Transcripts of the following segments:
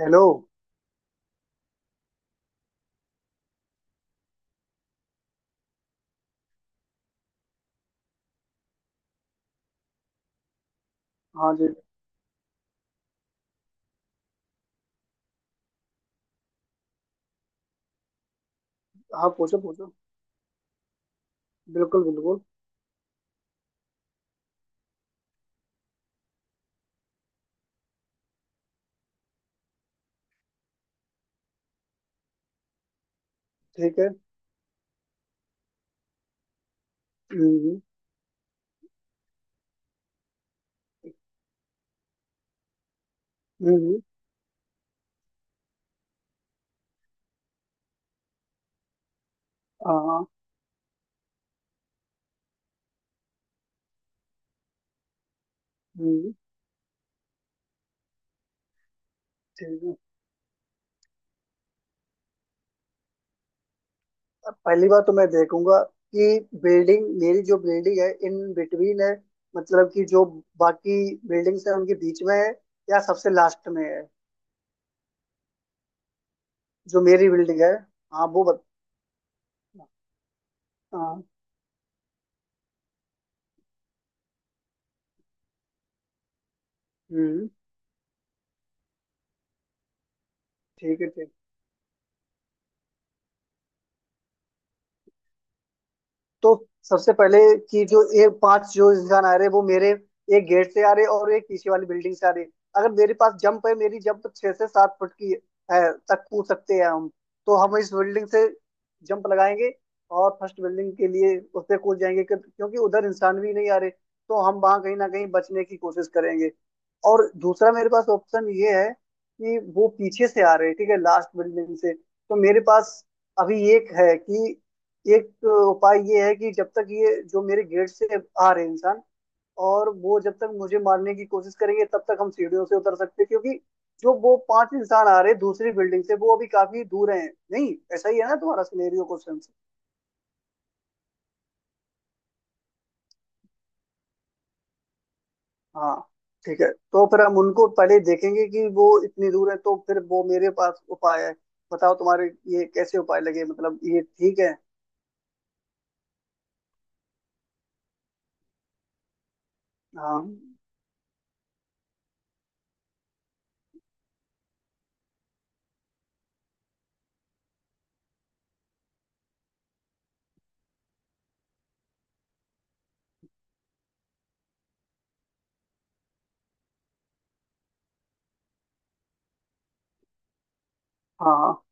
Hello. हाँ जी। हाँ, पूछो पूछो। बिल्कुल बिल्कुल। ठीक है। हम्म। हम्म हम्म, हाँ हाँ। हम्म। ठीक है, अब पहली बार तो मैं देखूंगा कि बिल्डिंग मेरी जो बिल्डिंग है इन बिटवीन है, मतलब कि जो बाकी बिल्डिंग्स है उनके बीच में है या सबसे लास्ट में है जो मेरी बिल्डिंग है। हाँ वो बत। हाँ। हम्म। ठीक है, ठीक। तो सबसे पहले कि जो ये पांच जो इंसान आ रहे वो मेरे एक गेट से आ रहे और एक पीछे वाली बिल्डिंग से आ रहे। अगर मेरे पास जंप है, मेरी जंप छह से सात फुट की है, तक कूद सकते हैं हम। तो हम इस बिल्डिंग से जंप लगाएंगे और फर्स्ट बिल्डिंग के लिए उस पे कूद जाएंगे क्योंकि उधर इंसान भी नहीं आ रहे, तो हम वहां कहीं ना कहीं बचने की कोशिश करेंगे। और दूसरा मेरे पास ऑप्शन ये है कि वो पीछे से आ रहे हैं, ठीक है, लास्ट बिल्डिंग से, तो मेरे पास अभी एक है कि एक उपाय ये है कि जब तक ये जो मेरे गेट से आ रहे हैं इंसान, और वो जब तक मुझे मारने की कोशिश करेंगे तब तक हम सीढ़ियों से उतर सकते हैं, क्योंकि जो वो पांच इंसान आ रहे हैं दूसरी बिल्डिंग से वो अभी काफी दूर हैं। नहीं, ऐसा ही है ना तुम्हारा सिनेरियो क्वेश्चन? हाँ, ठीक है, तो फिर हम उनको पहले देखेंगे कि वो इतनी दूर है तो फिर वो मेरे पास उपाय है। बताओ तुम्हारे, ये कैसे उपाय लगे, मतलब ये ठीक है? हाँ हाँ हाँ,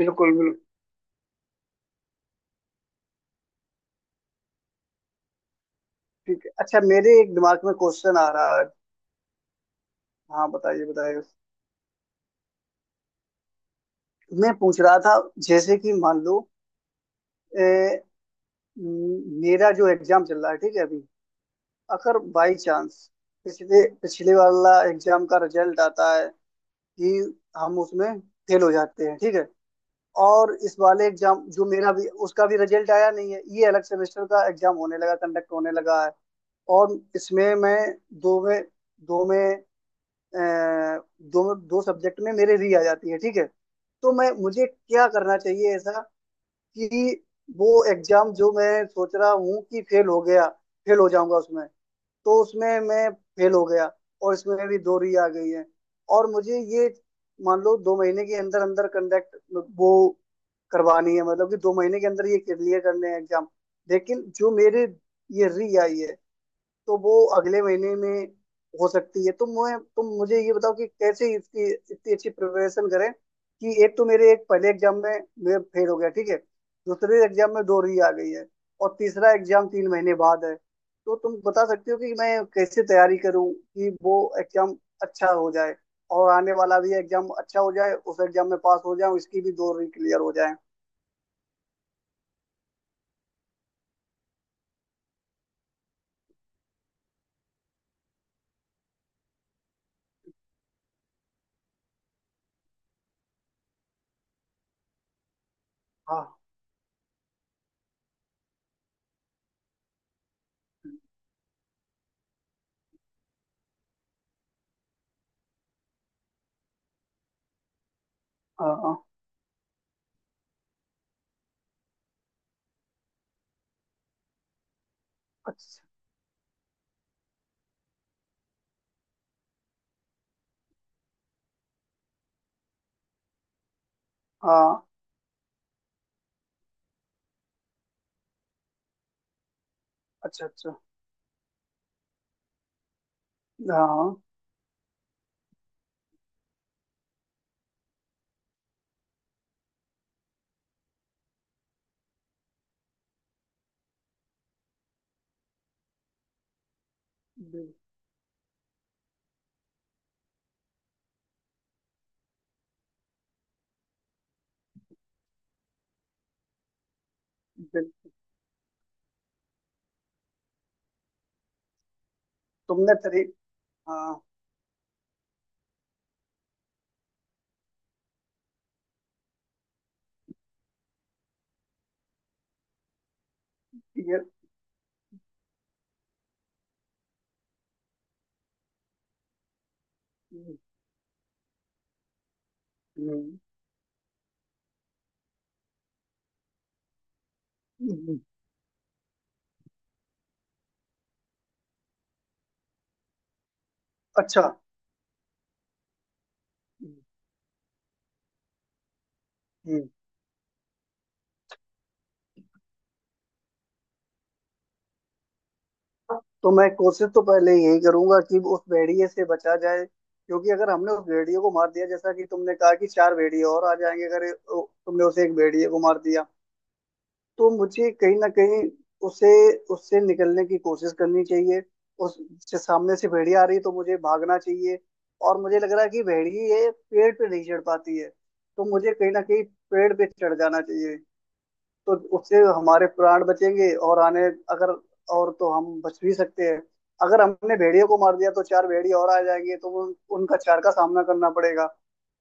बिल्कुल बिल्कुल। ठीक है। अच्छा, मेरे एक दिमाग में क्वेश्चन आ रहा है। हाँ, बताइए बताइए मैं पूछ रहा था, जैसे कि मान लो, अ, मेरा जो एग्जाम चल रहा है, ठीक है, अभी अगर बाई चांस पिछले पिछले वाला एग्जाम का रिजल्ट आता है कि हम उसमें फेल हो जाते हैं, ठीक है, और इस वाले एग्जाम जो मेरा भी उसका भी रिजल्ट आया नहीं है, ये अलग सेमेस्टर का एग्जाम होने लगा, कंडक्ट होने लगा है। और इसमें मैं दो में दो में अ, दो दो सब्जेक्ट में मेरे री आ जाती है, ठीक है। तो मैं मुझे क्या करना चाहिए ऐसा कि वो एग्जाम जो मैं सोच रहा हूँ कि फेल हो गया, फेल हो जाऊंगा उसमें, तो उसमें मैं फेल हो गया और इसमें भी दो री आ गई है। और मुझे ये, मान लो, दो महीने के अंदर अंदर कंडक्ट वो करवानी है, मतलब कि दो महीने के अंदर ये क्लियर करने हैं एग्जाम। लेकिन जो मेरे ये री आई है तो वो अगले महीने में हो सकती है। तो मैं तुम मुझे ये बताओ कि कैसे इसकी इतनी अच्छी प्रिपरेशन करें कि एक तो मेरे एक पहले एग्जाम में मैं फेल हो गया, ठीक है, दूसरे एग्जाम में दो री आ गई है, और तीसरा एग्जाम तीन महीने बाद है। तो तुम बता सकते हो कि मैं कैसे तैयारी करूं कि वो एग्जाम अच्छा हो जाए और आने वाला भी एग्जाम अच्छा हो जाए, उस एग्जाम में पास हो जाऊं, इसकी भी दो री क्लियर हो जाए? हाँ हाँ हाँ, अच्छा। हाँ। अच्छा अच्छा। हाँ। बिल- बिल्कुल। तुमने तेरी। हाँ। ये। हम्म, हम्म, अच्छा। हम्म। तो मैं कोशिश तो पहले यही करूंगा कि उस भेड़िए से बचा जाए, क्योंकि अगर हमने उस भेड़िए को मार दिया जैसा कि तुमने कहा कि चार भेड़िए और आ जाएंगे, अगर ओ, तुमने उसे एक भेड़िए को मार दिया, तो मुझे कहीं ना कहीं उसे उससे निकलने की कोशिश करनी चाहिए। उस जिस सामने से भेड़िया आ रही है तो मुझे भागना चाहिए। और मुझे लग रहा है कि भेड़िए पेड़ पे नहीं चढ़ पाती है, तो मुझे कहीं ना कहीं पेड़ पे चढ़ जाना चाहिए। तो उससे हमारे प्राण बचेंगे और आने, अगर, और तो हम बच भी सकते हैं। अगर हमने भेड़ियों को मार दिया तो चार भेड़िए और आ जाएंगे, तो उन, उनका चार का सामना करना पड़ेगा,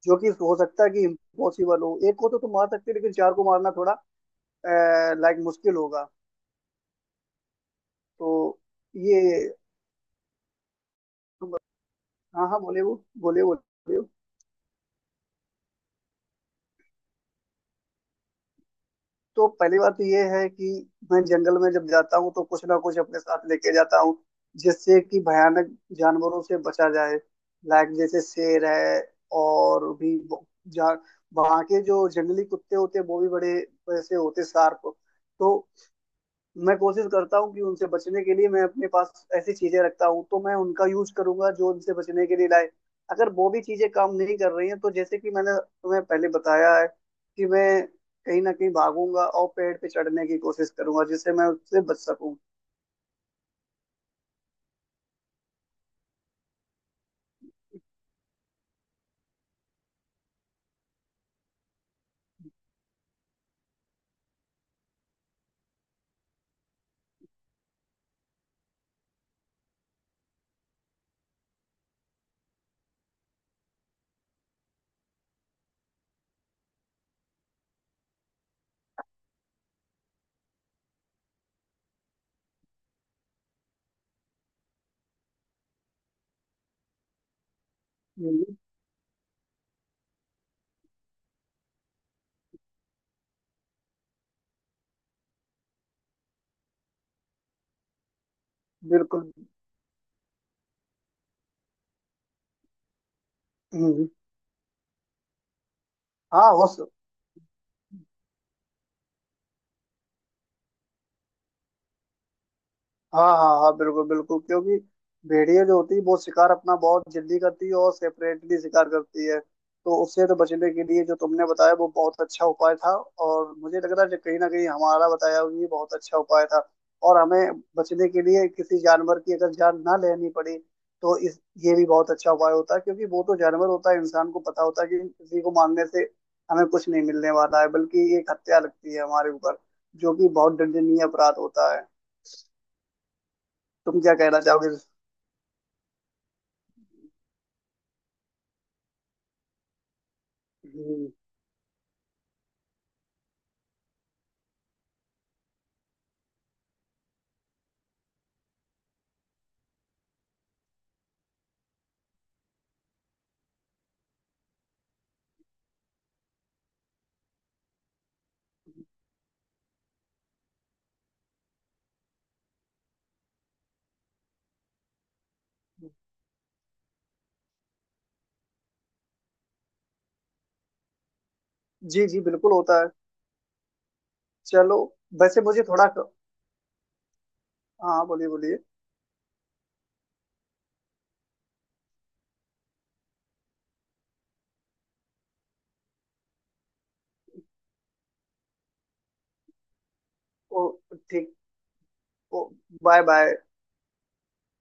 जो कि हो सकता है कि इम्पॉसिबल हो। एक को तो तुम मार सकते हो लेकिन चार को मारना थोड़ा लाइक मुश्किल होगा। तो ये, हाँ हाँ, बोले वो बोले बोले तो पहली बात तो ये है कि मैं जंगल में जब जाता हूँ तो कुछ ना कुछ अपने साथ लेके जाता हूँ जिससे कि भयानक जानवरों से बचा जाए। लाइक जैसे शेर है और भी जा वहाँ के जो जंगली कुत्ते होते हैं वो भी बड़े वैसे होते शार्प। तो मैं कोशिश करता हूँ कि उनसे बचने के लिए मैं अपने पास ऐसी चीजें रखता हूँ, तो मैं उनका यूज करूंगा जो उनसे बचने के लिए लाए। अगर वो भी चीजें काम नहीं कर रही हैं तो जैसे कि मैंने तुम्हें पहले बताया है कि मैं कहीं ना कहीं भागूंगा और पेड़ पे चढ़ने की कोशिश करूंगा जिससे मैं उससे बच सकूं। हम्म, बिल्कुल। हम्म। हाँ, हाँ हाँ हाँ, बिल्कुल बिल्कुल। क्योंकि भेड़िया जो होती है वो शिकार अपना बहुत जल्दी करती है और सेपरेटली शिकार करती है, तो उससे तो बचने के लिए जो तुमने बताया वो बहुत अच्छा उपाय था। और मुझे लग रहा है कि कहीं ना कहीं हमारा बताया हुआ ये बहुत अच्छा उपाय था। और हमें बचने के लिए किसी जानवर की अगर जान ना लेनी पड़ी तो इस ये भी बहुत अच्छा उपाय होता है, क्योंकि वो तो जानवर होता है, इंसान को पता होता है कि किसी को मारने से हमें कुछ नहीं मिलने वाला है, बल्कि ये एक हत्या लगती है हमारे ऊपर, जो कि बहुत दंडनीय अपराध होता है। तुम क्या कहना चाहोगे? हम्म, जी जी, बिल्कुल होता है। चलो, वैसे मुझे थोड़ा, हाँ, बोलिए बोलिए ओ, ठीक। ओ, बाय बाय।